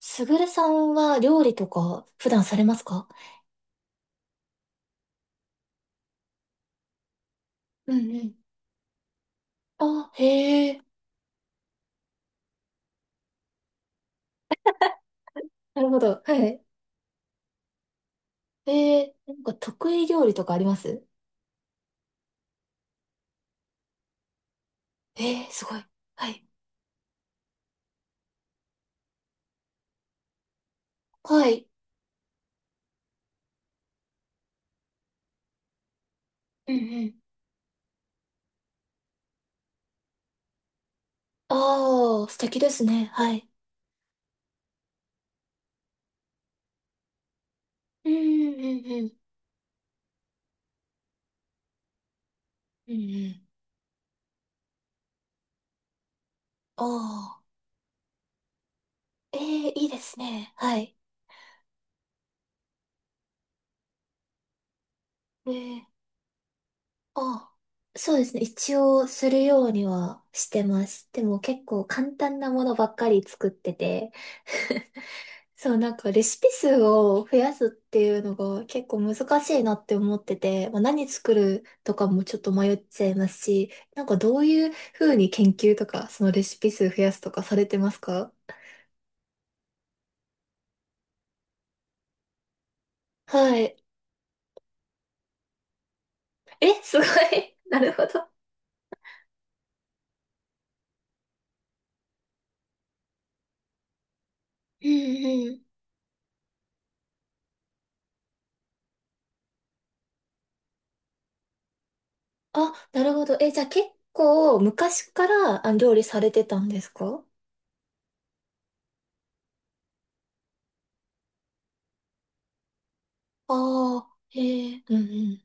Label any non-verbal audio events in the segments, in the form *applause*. すぐるさんは料理とか普段されますか？うんうん。あ、へえ、なるほど。はい。へえ、なんか得意料理とかあります？えー、すごい。はい。はい。うんうん。ああ、素敵ですね。はい。うんうんうんうん。うんうん。ああ、ええ、いいですね。はい。えー、ああ、そうですね。一応するようにはしてます。でも結構簡単なものばっかり作ってて。*laughs* そう、なんかレシピ数を増やすっていうのが結構難しいなって思ってて、まあ、何作るとかもちょっと迷っちゃいますし、なんかどういうふうに研究とか、そのレシピ数増やすとかされてますか？はい。え、すごい。*laughs* なるほど。うんうん。あ、なるほど。え、じゃあ結構昔から料理されてたんですか？ああー、へえ。うんうん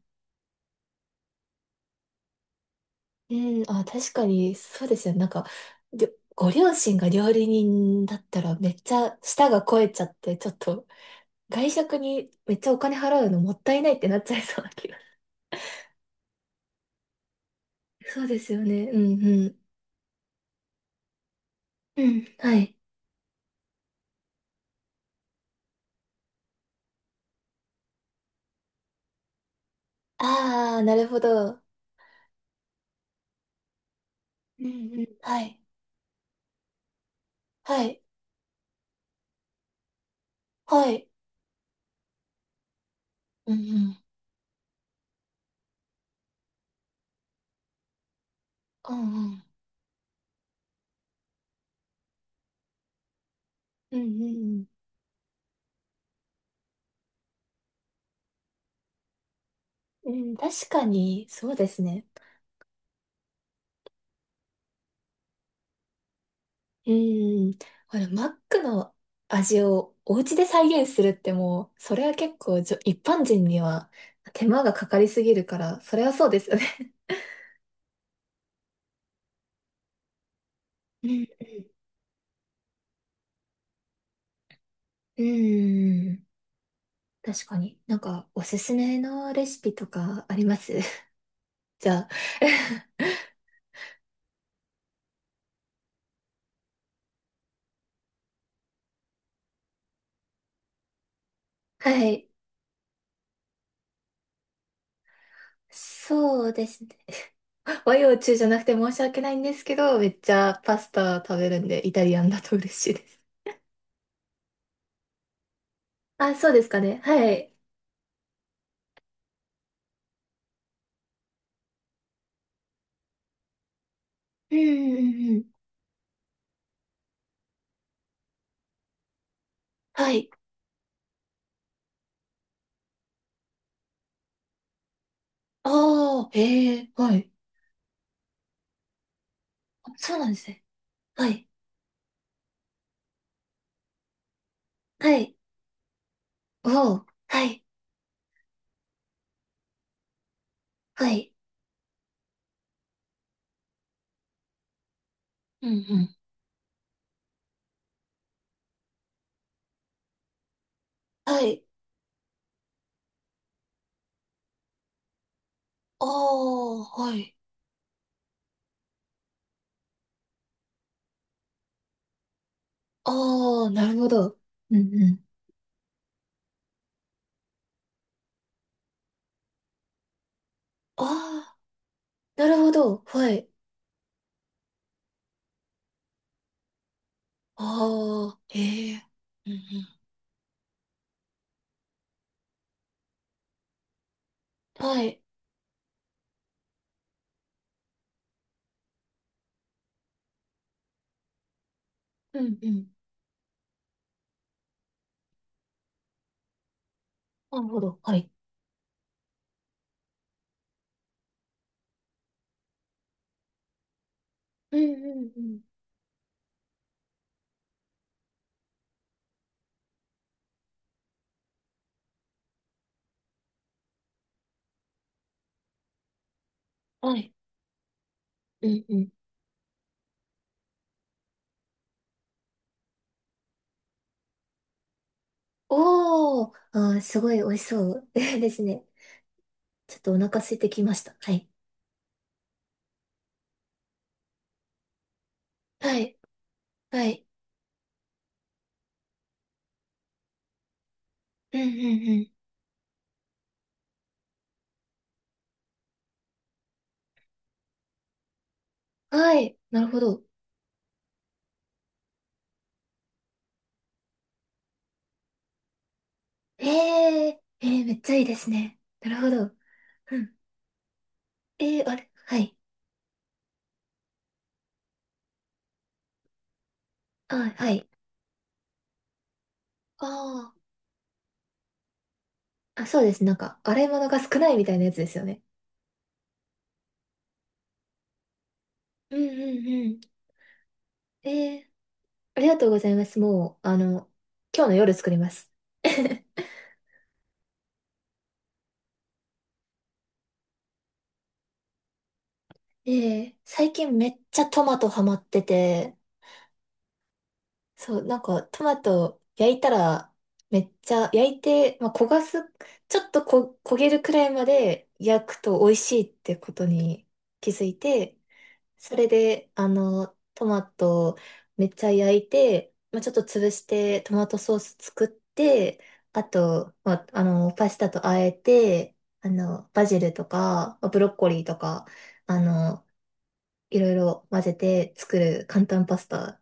うん、あ、確かに、そうですよね。なんか、りょご両親が料理人だったらめっちゃ舌が肥えちゃって、ちょっと外食にめっちゃお金払うのもったいないってなっちゃいそうな気が。そうですよね。うんうん。うん、はい。ああ、なるほど。うんうん。はい。はい。はい。うんうん。うんうん。うんうんうん。うん、確かに、そうですね。うーん。これ、マックの味をお家で再現するってもう、それは結構一般人には手間がかかりすぎるから、それはそうですよね。*laughs* うん。うーん、確かに。なんか、おすすめのレシピとかあります？ *laughs* じゃあ。*laughs* はい。そうですね。*laughs* 和洋中じゃなくて申し訳ないんですけど、めっちゃパスタ食べるんで、イタリアンだと嬉しいです。*laughs* あ、そうですかね。はい。うんうんうんうん。はい。ああ、へえ、はい。あ、そうなんですね。はい。はい。うお、はい。はい。うんうん。はい。ああ、はい。ああ、なるほど。うんうん。ああ、なるほど。はい。ああ、へえ。うんうん。はい。うんうん。なるほど。はい。うんうんうん。はい。うんうん。おー、あー、すごい美味しそう *laughs* ですね。ちょっとお腹空いてきました。はい。はい。はい。うんうんうん。はい。なるほど。えええー、めっちゃいいですね。なるほど。うん。えー、あれ、はい。あ、はい。ああ。あ、そうです。なんか、洗い物が少ないみたいなやつですよね。うんうんうん。えー、ありがとうございます。もう、今日の夜作ります。*laughs* えー、最近めっちゃトマトハマってて、そう、なんか、トマト焼いたら、めっちゃ焼いて、まあ、焦がす、ちょっと焦げるくらいまで焼くと美味しいってことに気づいて、それで、トマトをめっちゃ焼いて、まあ、ちょっと潰してトマトソース作って、あと、まあ、パスタと和えて、バジルとか、まあブロッコリーとか、あの、いろいろ混ぜて作る簡単パスタ、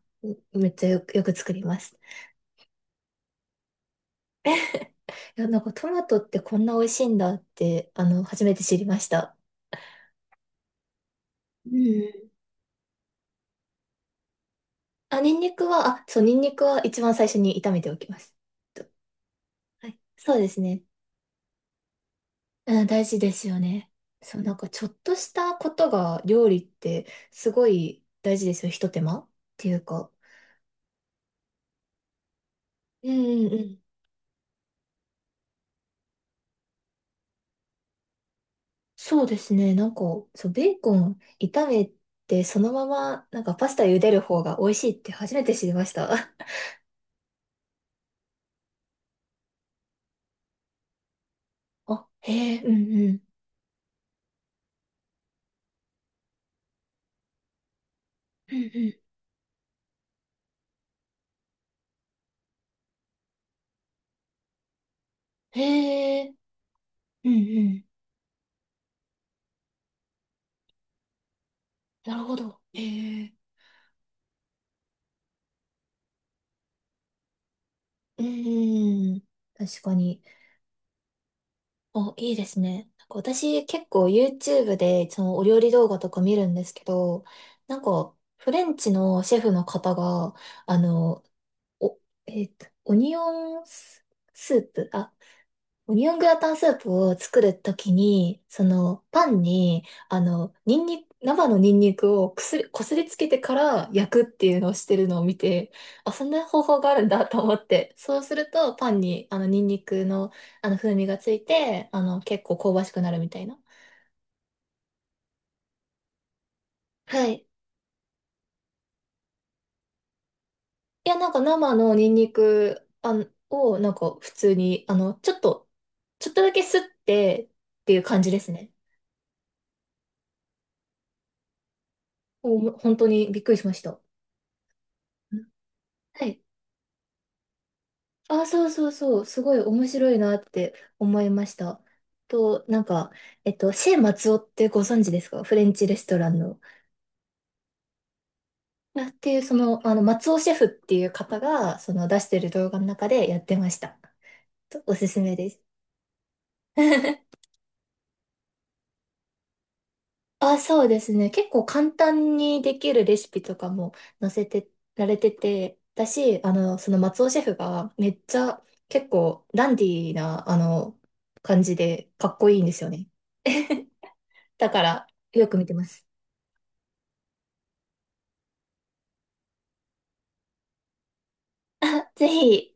めっちゃよく作ります。いや、なんかトマトってこんな美味しいんだって、初めて知りました。うん。あ、ニンニクは、あ、そう、ニンニクは一番最初に炒めておきます。とはい、そうですね。うん、大事ですよね。そう、なんかちょっとしたことが料理ってすごい大事ですよ。ひと手間っていうか。うんうんうん。そうですね。なんか、そう、ベーコン炒めてそのままなんかパスタ茹でる方が美味しいって初めて知りました。*laughs* あ、へえ、うんうん。うんうん。へえ、うんうん。なるほど。へえ、うんうん。確かに。お、いいですね。なんか私結構 YouTube でそのお料理動画とか見るんですけど、なんかフレンチのシェフの方が、あの、お、えっと、オニオンス、スープ、あ、オニオングラタンスープを作るときに、そのパンに、ニンニク、生のニンニクをくすり、こすりつけてから焼くっていうのをしてるのを見て、あ、そんな方法があるんだと思って、そうするとパンにあのニンニクのあの風味がついて、結構香ばしくなるみたいな。はい。いや、なんか生のニンニクあんをなんか普通に、ちょっとだけすってっていう感じですね。お、本当にびっくりしました。うんはいあ、そうそうそう、すごい面白いなって思いました。なんか、シェー松尾ってご存知ですか？フレンチレストランの。あっていう、その、松尾シェフっていう方が、その出してる動画の中でやってました。とおすすめです。*laughs* あ、そうですね。結構簡単にできるレシピとかも載せてられてて、だし、その松尾シェフがめっちゃ結構ダンディーな、感じでかっこいいんですよね。*laughs* だから、よく見てます。あ、ぜひ、